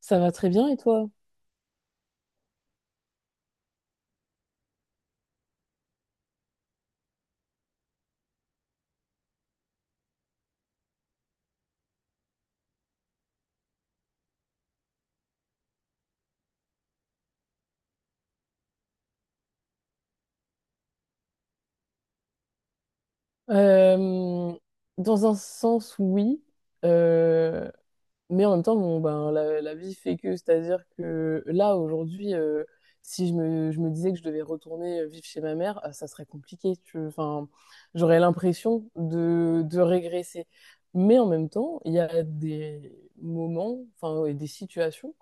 Ça va très bien et toi? Euh, Dans un sens, oui. Euh, mais en même temps, bon, ben, la vie fait que, c'est-à-dire que là, aujourd'hui, si je me disais que je devais retourner vivre chez ma mère, ah, ça serait compliqué. Enfin, j'aurais l'impression de régresser. Mais en même temps, il y a des moments, enfin, et des situations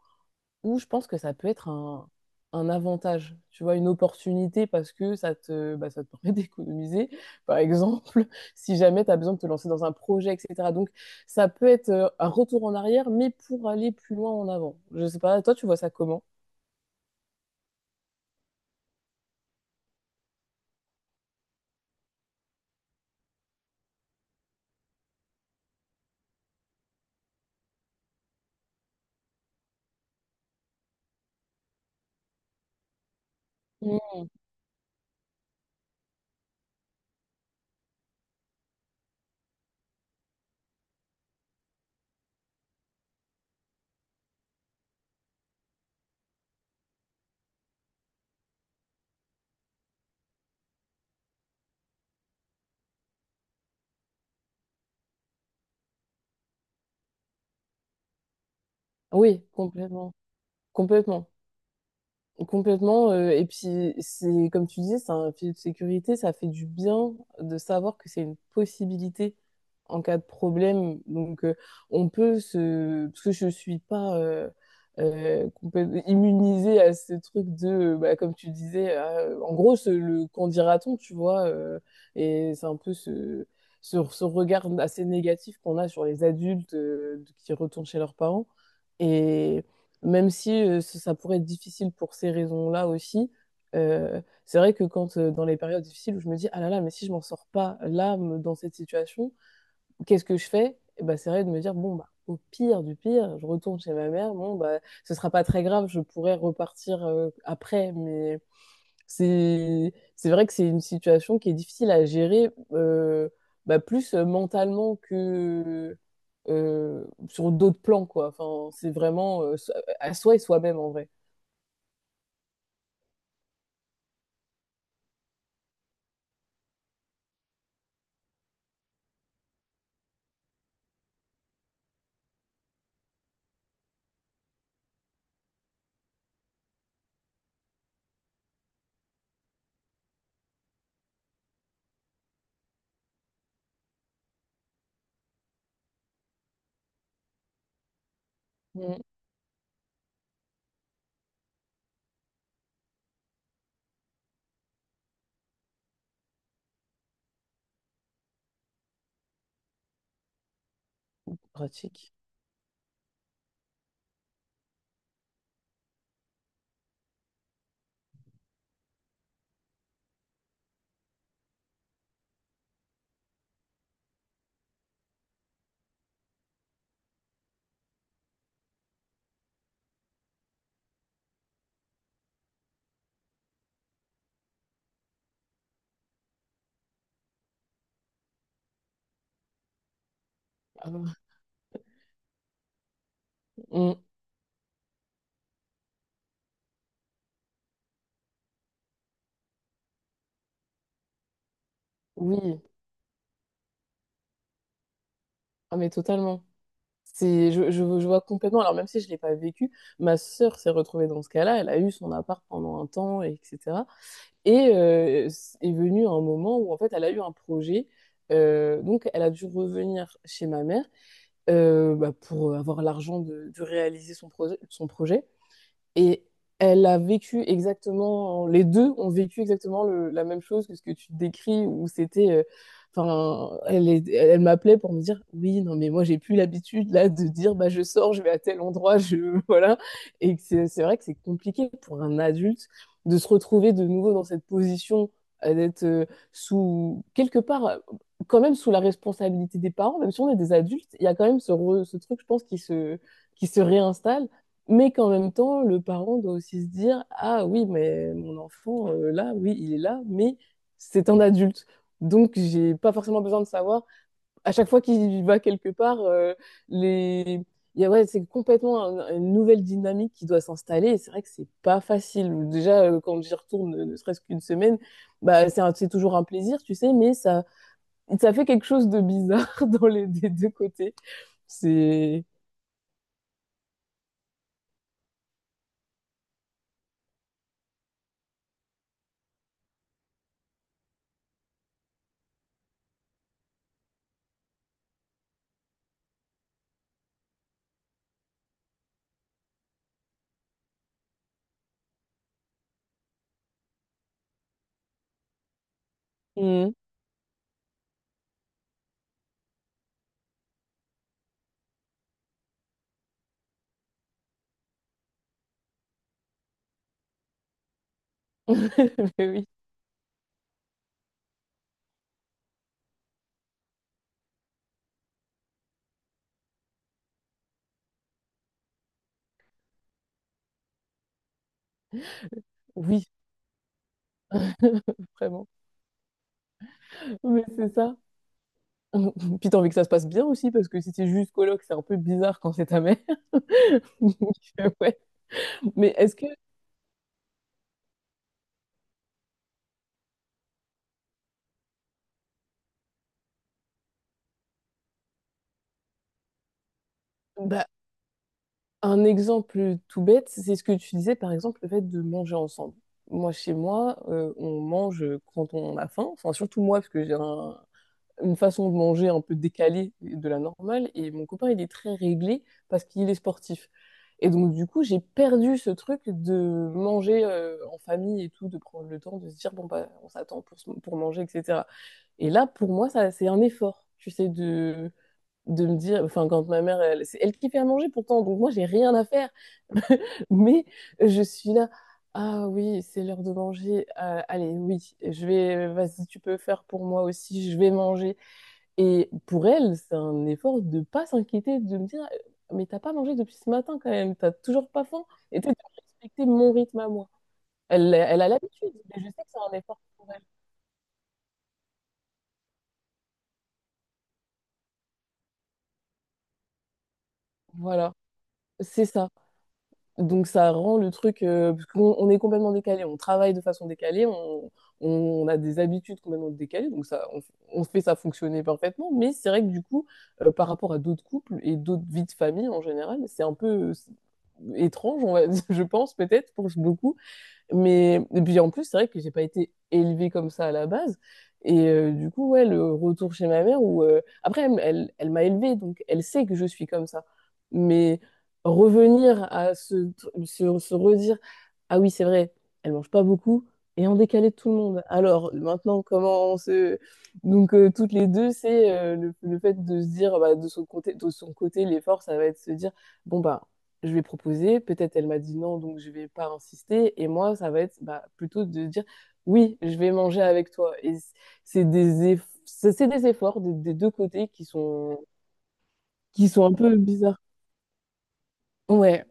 où je pense que ça peut être un avantage, tu vois, une opportunité parce que ça te permet d'économiser, par exemple, si jamais tu as besoin de te lancer dans un projet, etc. Donc, ça peut être un retour en arrière, mais pour aller plus loin en avant. Je sais pas, toi, tu vois ça comment? Mm. Oui, complètement. Complètement. Complètement. Et puis, c'est comme tu disais, c'est un filet de sécurité. Ça fait du bien de savoir que c'est une possibilité en cas de problème. Donc, on peut se... Parce que je suis pas complète- immunisée à ce truc de, bah, comme tu disais, en gros, ce- le qu'en dira-t-on, tu vois. Et c'est un peu ce regard assez négatif qu'on a sur les adultes qui retournent chez leurs parents, même si ça ça pourrait être difficile pour ces raisons-là aussi. C'est vrai que quand dans les périodes difficiles où je me dis ah là là, mais si je m'en sors pas là dans cette situation, qu'est-ce que je fais? Et ben, c'est vrai, de me dire bon bah au pire du pire je retourne chez ma mère, bon bah ce sera pas très grave, je pourrais repartir après. Mais c'est vrai que c'est une situation qui est difficile à gérer, bah, plus mentalement que sur d'autres plans, quoi. Enfin, c'est vraiment à soi et soi-même en vrai. Mm. Pratique. Ah bah. Mm. Oui, ah, mais totalement. C'est, je vois complètement. Alors même si je ne l'ai pas vécu, ma sœur s'est retrouvée dans ce cas-là. Elle a eu son appart pendant un temps, et etc. Et est venu un moment où en fait elle a eu un projet. Donc elle a dû revenir chez ma mère. Bah, pour avoir l'argent de réaliser son projet. Et elle a vécu exactement, les deux ont vécu exactement la même chose que ce que tu décris, où c'était, enfin, elle m'appelait pour me dire, oui, non, mais moi j'ai plus l'habitude là de dire, bah je sors, je vais à tel endroit, je, voilà. Et que c'est vrai que c'est compliqué pour un adulte de se retrouver de nouveau dans cette position, d'être sous, quelque part, quand même sous la responsabilité des parents, même si on est des adultes, il y a quand même ce truc, je pense, qui se réinstalle, mais qu'en même temps, le parent doit aussi se dire, ah oui, mais mon enfant, là, oui, il est là, mais c'est un adulte. Donc, j'ai pas forcément besoin de savoir. À chaque fois qu'il va quelque part, les... ouais, c'est complètement une nouvelle dynamique qui doit s'installer. Et c'est vrai que c'est pas facile. Déjà, quand j'y retourne, ne serait-ce qu'une semaine, bah, c'est toujours un plaisir, tu sais, mais ça fait quelque chose de bizarre dans les des deux côtés. C'est. Mm. Mais oui, oui, vraiment. Mais c'est ça. Puis t'as envie que ça se passe bien aussi, parce que si c'est juste coloc, c'est un peu bizarre quand c'est ta mère. Donc, ouais. Mais est-ce que, Bah, un exemple tout bête, c'est ce que tu disais, par exemple, le fait de manger ensemble. Moi, chez moi, on mange quand on a faim, enfin, surtout moi, parce que j'ai une façon de manger un peu décalée de la normale. Et mon copain, il est très réglé parce qu'il est sportif. Et donc, du coup, j'ai perdu ce truc de manger en famille et tout, de prendre le temps de se dire, bon, bah, on s'attend pour manger, etc. Et là, pour moi, ça, c'est un effort, tu sais, de me dire, enfin, quand c'est elle qui fait à manger pourtant, donc moi, j'ai rien à faire. Mais je suis là. Ah oui, c'est l'heure de manger. Allez, oui, je vais. Vas-y, tu peux faire pour moi aussi. Je vais manger. Et pour elle, c'est un effort de pas s'inquiéter, de me dire, mais t'as pas mangé depuis ce matin quand même, t'as toujours pas faim, et tu sais, de respecter mon rythme à moi. Elle, elle a l'habitude, mais je sais que c'est un effort pour elle. Voilà, c'est ça. Donc ça rend le truc, parce qu'on est complètement décalé, on travaille de façon décalée, on a des habitudes complètement décalées, donc ça, on fait ça fonctionner parfaitement, mais c'est vrai que du coup, par rapport à d'autres couples et d'autres vies de famille en général, c'est un peu, étrange, on va dire, je pense peut-être pour beaucoup. Mais et puis en plus, c'est vrai que j'ai pas été élevée comme ça à la base. Et du coup, ouais, le retour chez ma mère où après elle m'a élevée, donc elle sait que je suis comme ça. Mais revenir à se redire, ah oui, c'est vrai, elle mange pas beaucoup et en décalé de tout le monde. Alors maintenant, comment on se... donc toutes les deux, c'est le fait de se dire bah, de son côté, l'effort, ça va être de se dire bon bah je lui ai proposé, peut-être elle m'a dit non, donc je vais pas insister. Et moi, ça va être bah, plutôt de dire oui, je vais manger avec toi. Et c'est des, eff c'est des efforts des deux côtés qui sont un peu bizarres. Ouais,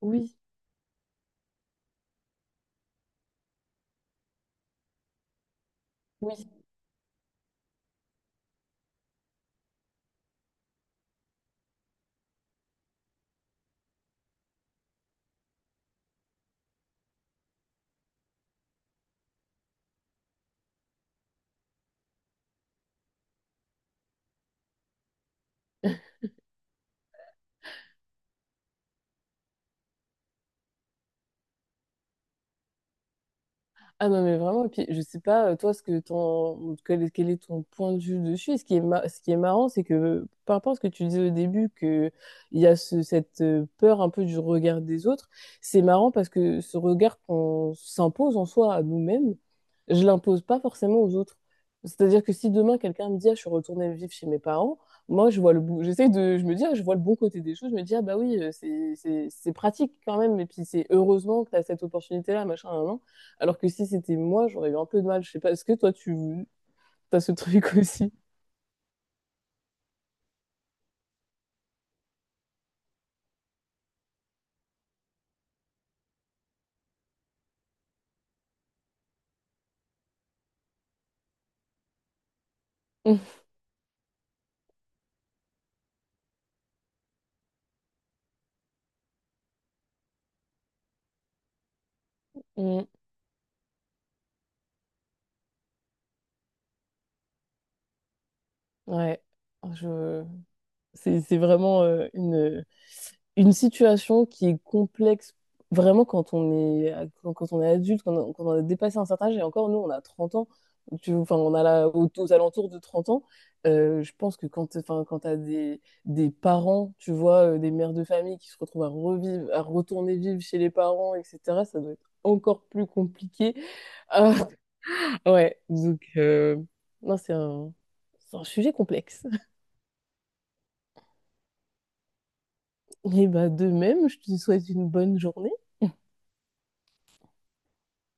oui, oui. Ah non, mais vraiment, et puis je sais pas, toi, ce que ton, quel est ton point de vue dessus? Et ce qui est, ce qui est marrant, c'est que par rapport à ce que tu disais au début, que il y a cette peur un peu du regard des autres, c'est marrant parce que ce regard qu'on s'impose en soi à nous-mêmes, je l'impose pas forcément aux autres. C'est-à-dire que si demain quelqu'un me dit, ah, je suis retournée vivre chez mes parents, moi, je vois le bon, j'essaie de, je me dis, ah, je vois le bon côté des choses, je me dis, ah bah oui, c'est pratique quand même, et puis c'est heureusement que tu as cette opportunité-là, machin, nan, nan. Alors que si c'était moi, j'aurais eu un peu de mal. Je sais pas, est-ce que toi, tu as ce truc aussi? Mm. Ouais, je... C'est vraiment une situation qui est complexe vraiment quand on est, quand on est adulte, quand on a dépassé un certain âge, et encore nous, on a 30 ans, enfin, on a là, aux alentours de 30 ans, je pense que enfin, quand tu as des parents, tu vois, des mères de famille qui se retrouvent à revivre, à retourner vivre chez les parents, etc., ça doit être encore plus compliqué. Ah, ouais, donc, non, c'est c'est un sujet complexe. Et bah, de même, je te souhaite une bonne journée.